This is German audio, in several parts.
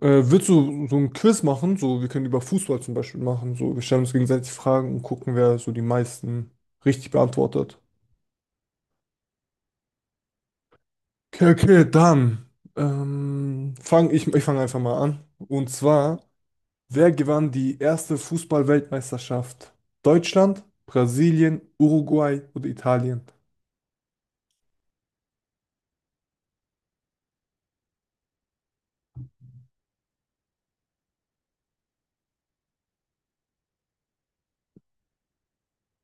Willst du so ein Quiz machen? So, wir können über Fußball zum Beispiel machen. So, wir stellen uns gegenseitig Fragen und gucken, wer so die meisten richtig beantwortet. Okay, okay, dann fang ich, ich fange einfach mal an. Und zwar, wer gewann die erste Fußball-Weltmeisterschaft? Deutschland, Brasilien, Uruguay oder Italien?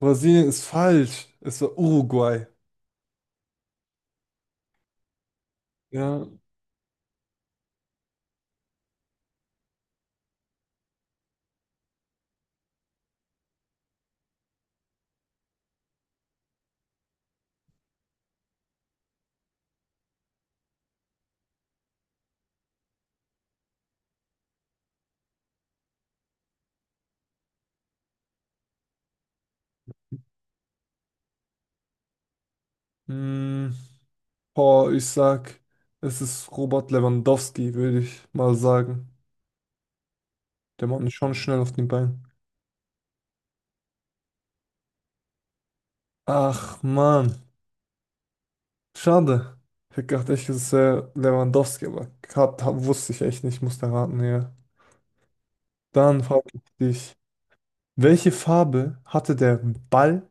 Brasilien ist falsch. Es war Uruguay. Ja. Hm, boah, ich sag, es ist Robert Lewandowski, würde ich mal sagen. Der macht mich schon schnell auf den Beinen. Ach, Mann. Schade. Ich hätte gedacht, echt, es ist Lewandowski, aber grad, wusste ich echt nicht. Musste raten, ja. Dann frage ich dich, welche Farbe hatte der Ball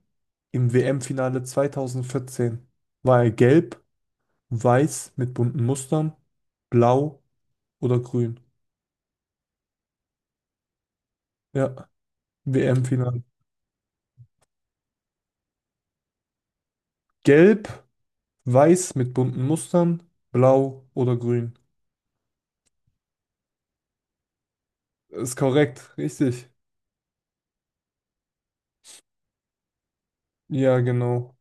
im WM-Finale 2014? War er gelb, weiß mit bunten Mustern, blau oder grün? Ja, WM-Finale. Gelb, weiß mit bunten Mustern, blau oder grün? Ist korrekt, richtig. Ja, genau.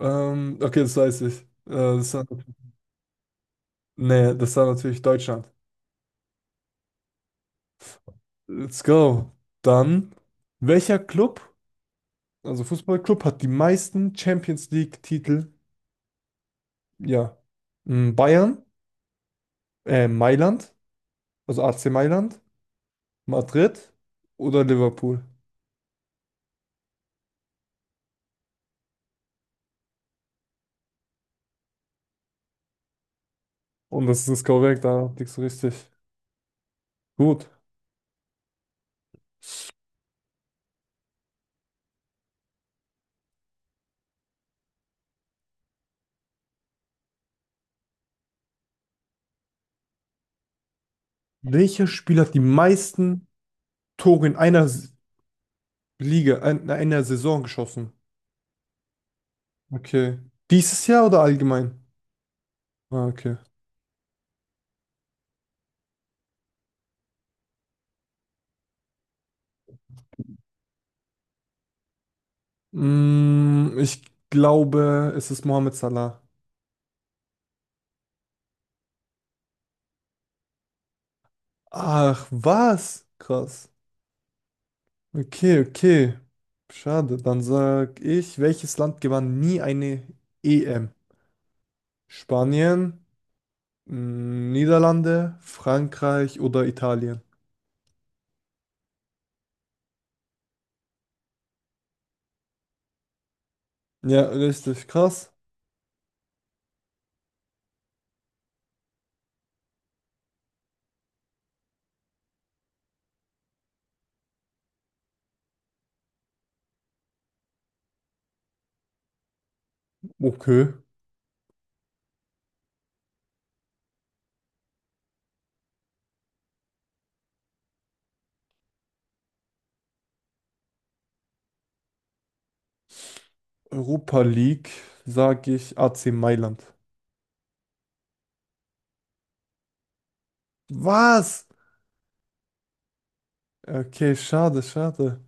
Okay, das weiß ich. Das war, nee, das war natürlich Deutschland. Let's go. Dann, welcher Club, also Fußballclub, hat die meisten Champions League-Titel? Ja. Mm, Bayern, Mailand, also AC Mailand, Madrid oder Liverpool? Und das ist korrekt, da liegst du richtig. Gut. Welcher Spieler hat die meisten Tore in einer Liga, in einer Saison geschossen? Okay. Dieses Jahr oder allgemein? Ah, okay. Mm, ich glaube, es ist Mohamed Salah. Ach, was? Krass. Okay, okay. Schade. Dann sag ich, welches Land gewann nie eine EM? Spanien, mm, Niederlande, Frankreich oder Italien? Ja, richtig krass. Okay. Europa League, sag ich AC Mailand. Was? Okay, schade, schade.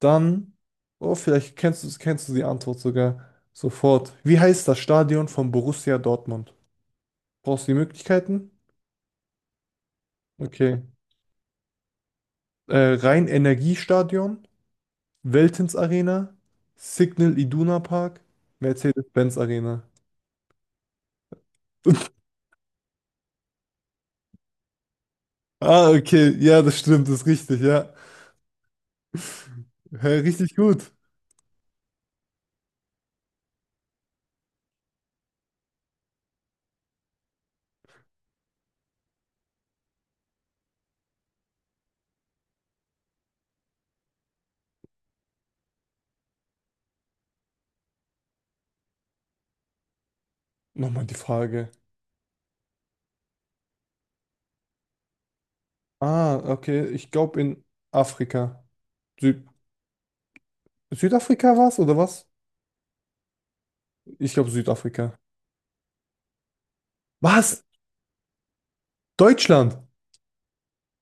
Dann, oh, vielleicht kennst du die Antwort sogar sofort. Wie heißt das Stadion von Borussia Dortmund? Brauchst du die Möglichkeiten? Okay. Rhein-Energiestadion, Veltins Arena, Signal Iduna Park, Mercedes-Benz Arena. Ah, okay. Ja, das stimmt, das ist richtig, ja. Hä, richtig gut. Nochmal die Frage. Ah, okay. Ich glaube in Afrika. Süd Südafrika war's oder was? Ich glaube Südafrika. Was? Deutschland?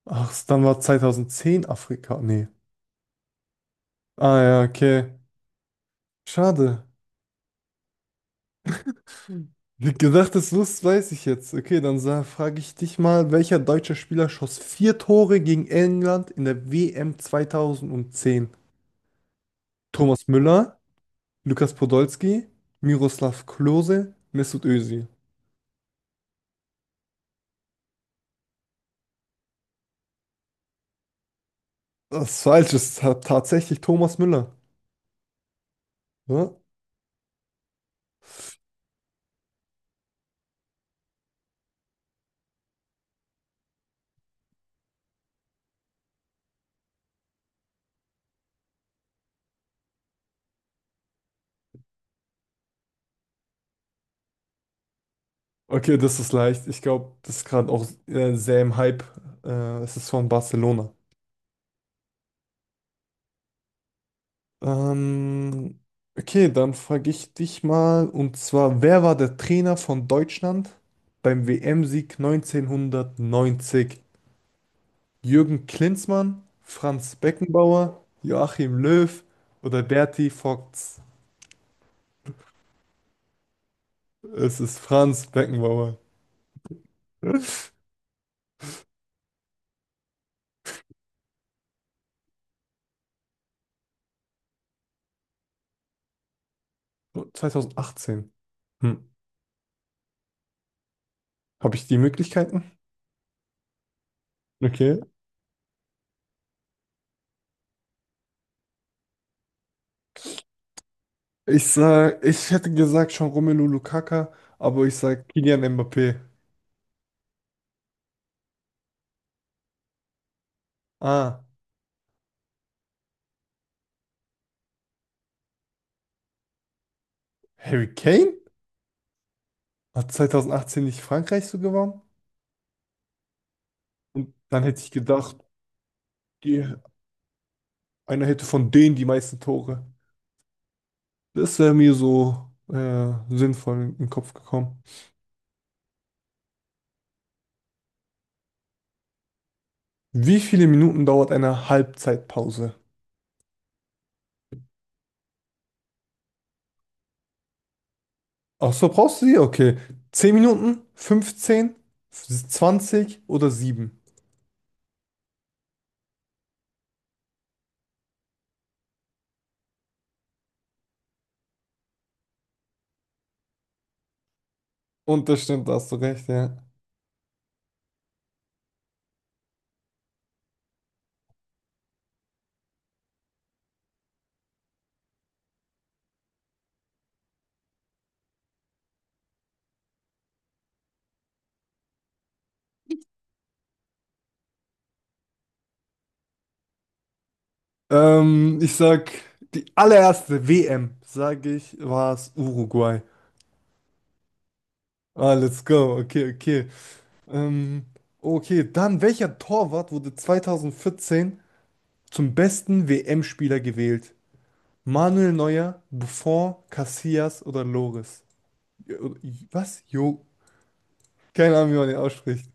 Ach, dann war 2010 Afrika. Nee. Ah ja, okay. Schade. Hm. Wie gedacht, das lust, weiß ich jetzt. Okay, dann frage ich dich mal, welcher deutsche Spieler schoss vier Tore gegen England in der WM 2010? Thomas Müller, Lukas Podolski, Miroslav Klose, Mesut Özil. Das ist falsch, es ist tatsächlich Thomas Müller. Ja? Okay, das ist leicht. Ich glaube, das ist gerade auch sehr im Hype. Es ist von Barcelona. Ähm, okay, dann frage ich dich mal, und zwar, wer war der Trainer von Deutschland beim WM-Sieg 1990? Jürgen Klinsmann, Franz Beckenbauer, Joachim Löw oder Berti Vogts? Es ist Franz Beckenbauer. 2018. Hm. Habe ich die Möglichkeiten? Okay. Ich sag, ich hätte gesagt schon Romelu Lukaku, aber ich sag Kylian Mbappé. Ah, Harry Kane? Hat 2018 nicht Frankreich so gewonnen? Und dann hätte ich gedacht, die, einer hätte von denen die meisten Tore. Das wäre mir so sinnvoll in den Kopf gekommen. Wie viele Minuten dauert eine Halbzeitpause? Ach so, brauchst du sie? Okay. 10 Minuten, 15? 20 oder 7? Und das stimmt, da hast du recht, ja. Ich sag, die allererste WM, sage ich, war es Uruguay. Ah, let's go. Okay, okay. Ähm, okay, dann welcher Torwart wurde 2014 zum besten WM-Spieler gewählt? Manuel Neuer, Buffon, Casillas oder Loris? Ja, was? Jo, keine Ahnung, wie man den ausspricht.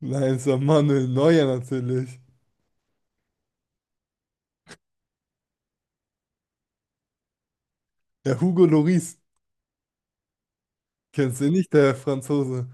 Nein, es war Manuel Neuer natürlich. Der Hugo Loris. Kennst du ihn nicht, der Franzose?